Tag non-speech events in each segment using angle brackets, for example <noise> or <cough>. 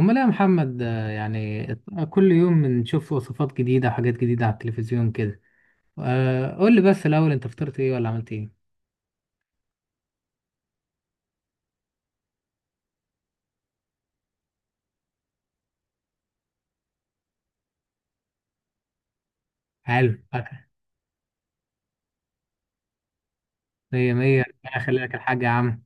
امال إيه يا محمد، يعني كل يوم بنشوف وصفات جديدة وحاجات جديدة على التلفزيون كده. قول لي بس الاول، انت فطرت ايه ولا عملت ايه؟ حلو، فاكهة. مية مية، ربنا يخلي لك الحاج يا عم.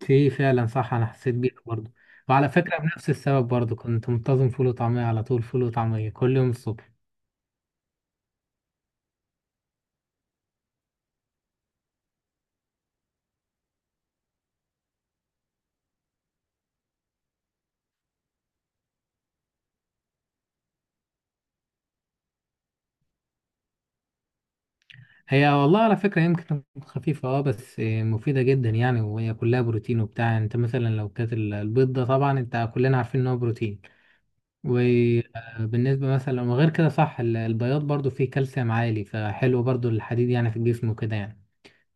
في فعلا، صح، انا حسيت بيك برضه. وعلى فكرة بنفس السبب برضه كنت منتظم فول وطعمية على طول، فول وطعمية كل يوم الصبح. هي والله على فكرة يمكن خفيفة، اه، بس مفيدة جدا يعني، وهي كلها بروتين وبتاع. يعني انت مثلا لو كانت البيض ده، طبعا انت كلنا عارفين ان هو بروتين. وبالنسبة مثلا، وغير كده صح، البياض برضو فيه كالسيوم عالي، فحلو برضو الحديد يعني في الجسم وكده يعني.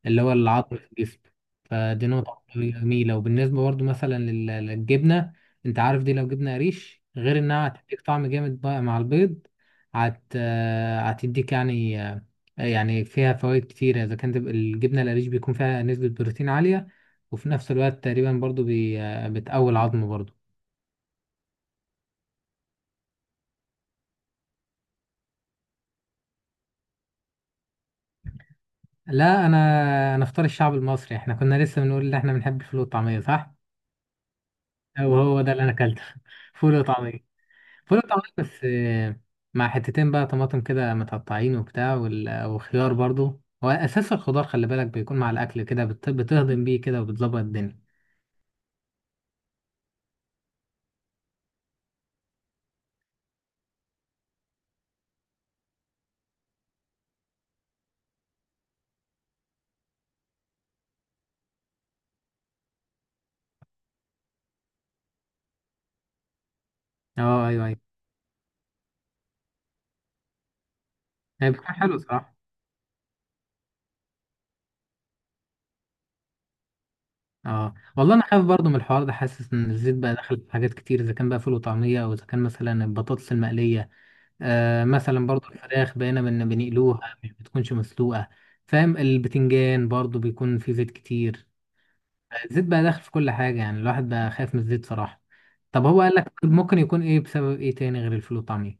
اللي هو العظم في الجسم. فدي نقطة جميلة. وبالنسبة برضو مثلا للجبنة، انت عارف دي لو جبنة قريش، غير انها هتديك طعم جامد بقى مع البيض، هت آه، هتديك يعني، يعني فيها فوائد كتيرة. اذا كانت الجبنة القريش، بيكون فيها نسبة بروتين عالية، وفي نفس الوقت تقريبا برضو بتقوي العظم برضو. لا، انا افطار الشعب المصري، احنا كنا لسه بنقول ان احنا بنحب الفول والطعميه، صح. وهو ده اللي انا اكلته. <laughs> فول وطعميه. فول وطعميه، بس مع حتتين بقى طماطم كده متقطعين وبتاع، وخيار برضو هو اساس الخضار. خلي بالك بيكون مع الاكل كده، بتهضم بيه كده وبتظبط الدنيا. اه، ايوه ايوه. هي بتكون حلو صراحه. اه والله، انا خايف برضو من الحوار ده، حاسس ان الزيت بقى دخل في حاجات كتير، اذا كان بقى فول وطعميه، او اذا كان مثلا البطاطس المقليه. مثلا برضو الفراخ بقينا بنقلوها، مش بتكونش مسلوقة. فاهم، البتنجان برضو بيكون فيه زيت كتير. الزيت بقى داخل في كل حاجة، يعني الواحد بقى خايف من الزيت صراحة. طب هو قال لك ممكن يكون ايه، بسبب ايه تاني غير الفول والطعمية؟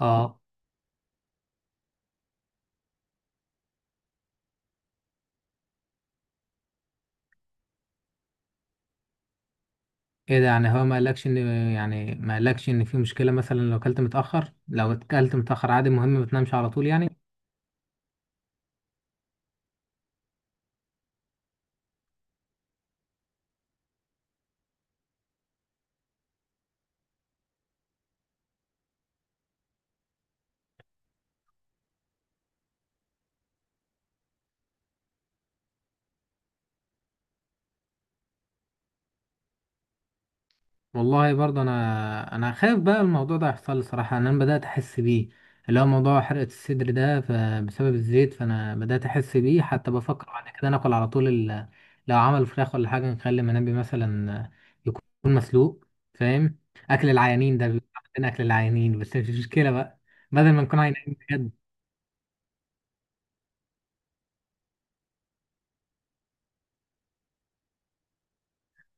اه، ايه ده؟ يعني هو ما قالكش ان يعني ما قالكش ان في مشكلة مثلا، لو اكلت متأخر عادي، مهم ما تنامش على طول يعني. والله برضه، انا خايف بقى الموضوع ده يحصل لي صراحه، إن انا بدات احس بيه. اللي هو موضوع حرقه الصدر ده، فبسبب الزيت فانا بدات احس بيه. حتى بفكر بعد كده ناكل على طول. لو عمل فراخ ولا حاجه، نخلي منبي مثلا يكون مسلوق. فاهم. اكل العيانين ده بيبقى عندنا اكل العيانين، بس مش مشكله بقى، بدل ما نكون عيانين بجد.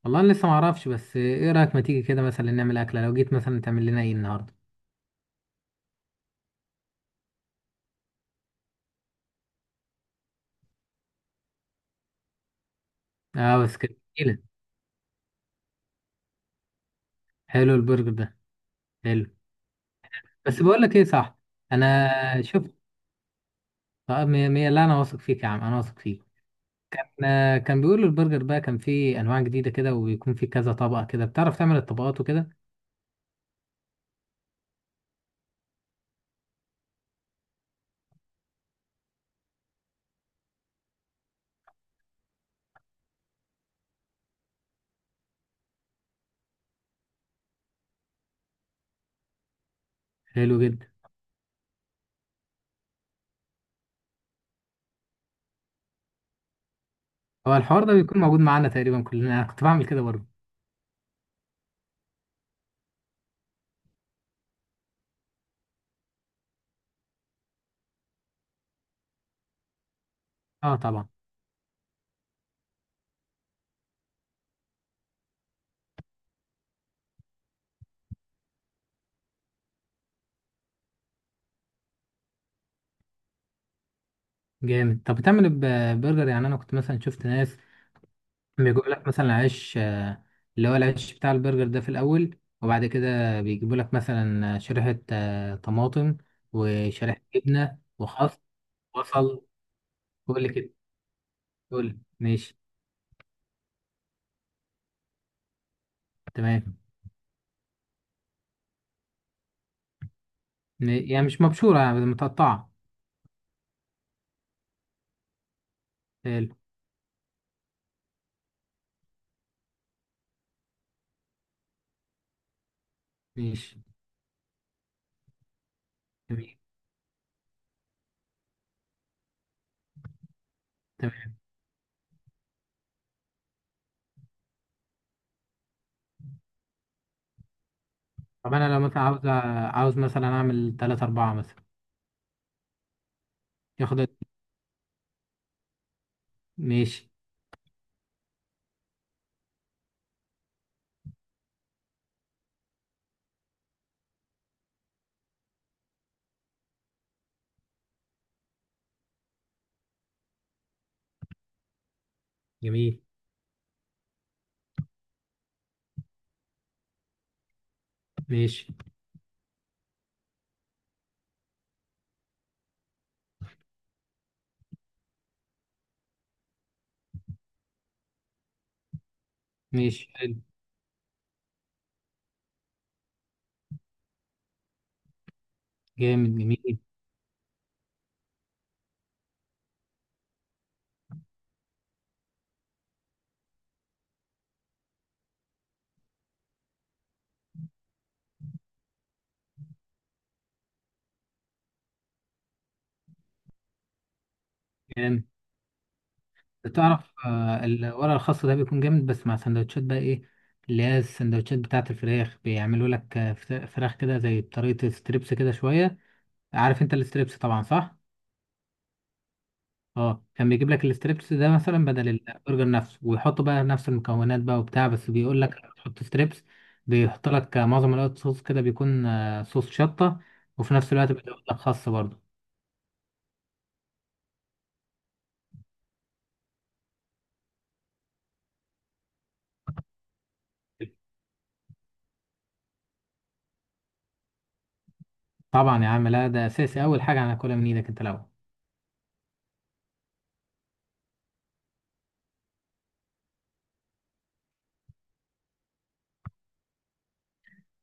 والله انا لسه ما اعرفش، بس ايه رايك ما تيجي كده مثلا نعمل اكله؟ لو جيت مثلا، تعمل لنا ايه النهارده؟ اه، بس كده. حلو، البرجر ده حلو. بس بقول لك ايه، صح؟ انا شفت. طب مية مية، لا انا واثق فيك يا عم، انا واثق فيك. انا كان بيقولوا البرجر بقى كان فيه انواع جديده كده، وبيكون فيه كذا طبقه كده، بتعرف تعمل الطبقات وكده. حلو جدا. هو الحوار ده بيكون موجود معانا تقريبا كلنا، انا كنت بعمل كده برضه. اه، طبعا. جامد. طب بتعمل برجر، يعني انا كنت مثلا شفت ناس بيجيبوا لك مثلا عيش، اللي هو العيش بتاع البرجر ده في الاول، وبعد كده بيجيبوا لك مثلا شريحه طماطم وشريحه جبنه وخس. وصل. كل كده. قول، ماشي. تمام. يعني مش مبشورة، يعني متقطعة. حلو. ماشي. جميل. تمام. طب أنا لو مثلا عاوز مثلا أعمل تلاتة أربعة مثلا. ياخد قد- ماشي. جميل. ماشي. ماشي، حلو. جامد، جميل. جامد. تعرف، الورق الخاص ده بيكون جامد، بس مع سندوتشات بقى إيه، اللي هي السندوتشات بتاعة الفراخ، بيعملوا لك فراخ كده، زي بطريقة ستريبس كده شوية. عارف أنت الستريبس طبعا، صح؟ اه، كان بيجيب لك الستريبس ده مثلا بدل البرجر نفسه، ويحطوا بقى نفس المكونات بقى وبتاع، بس بيقول لك لما تحط ستريبس، بيحط لك معظم الوقت صوص كده، بيكون صوص شطة. وفي نفس الوقت بيقول لك خس برضه. طبعا يا عم، لا ده اساسي، اول حاجة هناكلها من ايدك انت الاول.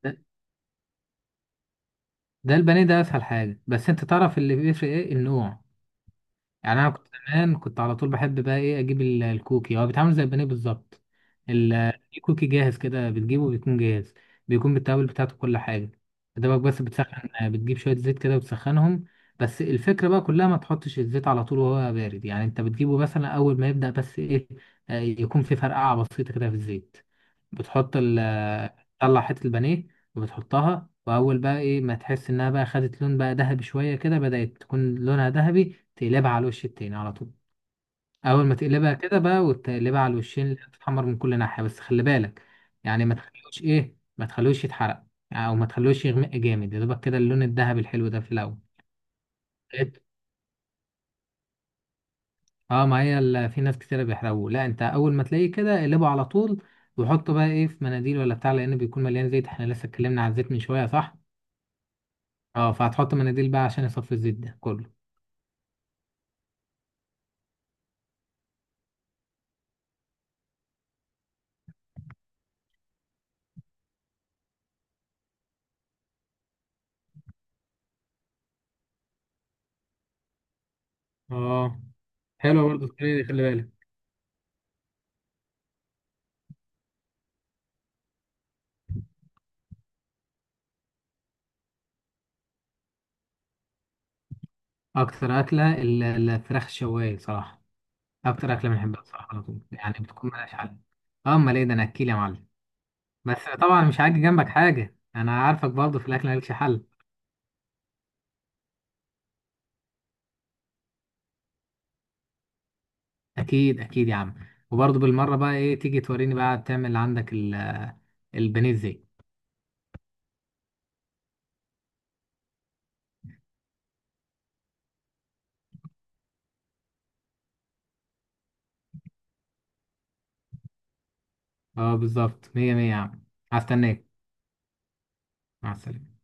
ده, ده البانيه ده اسهل حاجة، بس انت تعرف اللي بيفرق ايه النوع. يعني انا كنت زمان، كنت على طول بحب بقى ايه، اجيب الكوكي. هو بيتعمل زي البانيه بالظبط. ال- الكوكي جاهز كده، بتجيبه بيكون جاهز، بيكون بالتوابل بتاعته كل حاجه. دوبك بس بتسخن، بتجيب شويه زيت كده وتسخنهم. بس الفكره بقى كلها ما تحطش الزيت على طول وهو بارد. يعني انت بتجيبه مثلا اول ما يبدا بس ايه، يكون في فرقعه بسيطه كده في الزيت. بتحط ال تطلع حتة البانيه، وبتحطها، وأول بقى إيه ما تحس إنها بقى خدت لون بقى ذهبي شوية كده، بدأت تكون لونها ذهبي، تقلبها على الوش التاني على طول. أول ما تقلبها كده بقى، وتقلبها على الوشين اللي تتحمر من كل ناحية، بس خلي بالك، يعني ما تخلوش يتحرق، يعني، أو ما تخلوش يغمق جامد، يا دوبك كده اللون الذهبي الحلو ده في الأول. لقيت- اه، ما هي في ناس كتيرة بيحرقوه. لا انت اول ما تلاقيه كده اقلبه على طول، وحطه بقى ايه في مناديل ولا بتاع، لان بيكون مليان زيت. احنا لسه اتكلمنا عن الزيت من شوية، صح؟ اه، فهتحط مناديل بقى عشان يصفي الزيت ده كله. اه، حلوة برضه الطريقة دي، خلي بالك. اكتر اكله الفراخ الشوايه صراحه. اكتر اكله بنحبها صراحه، على طول يعني بتكون ملهاش حل. اه، امال ايه ده، انا اكيل يا معلم. بس طبعا مش هاجي جنبك حاجه، انا عارفك برضه في الاكل مالكش حل. اكيد اكيد يا عم. وبرضه بالمره بقى ايه، تيجي توريني بقى تعمل عندك البانيه ازاي. اه بالظبط، مية مية يا عم. هستناك. مع السلامه.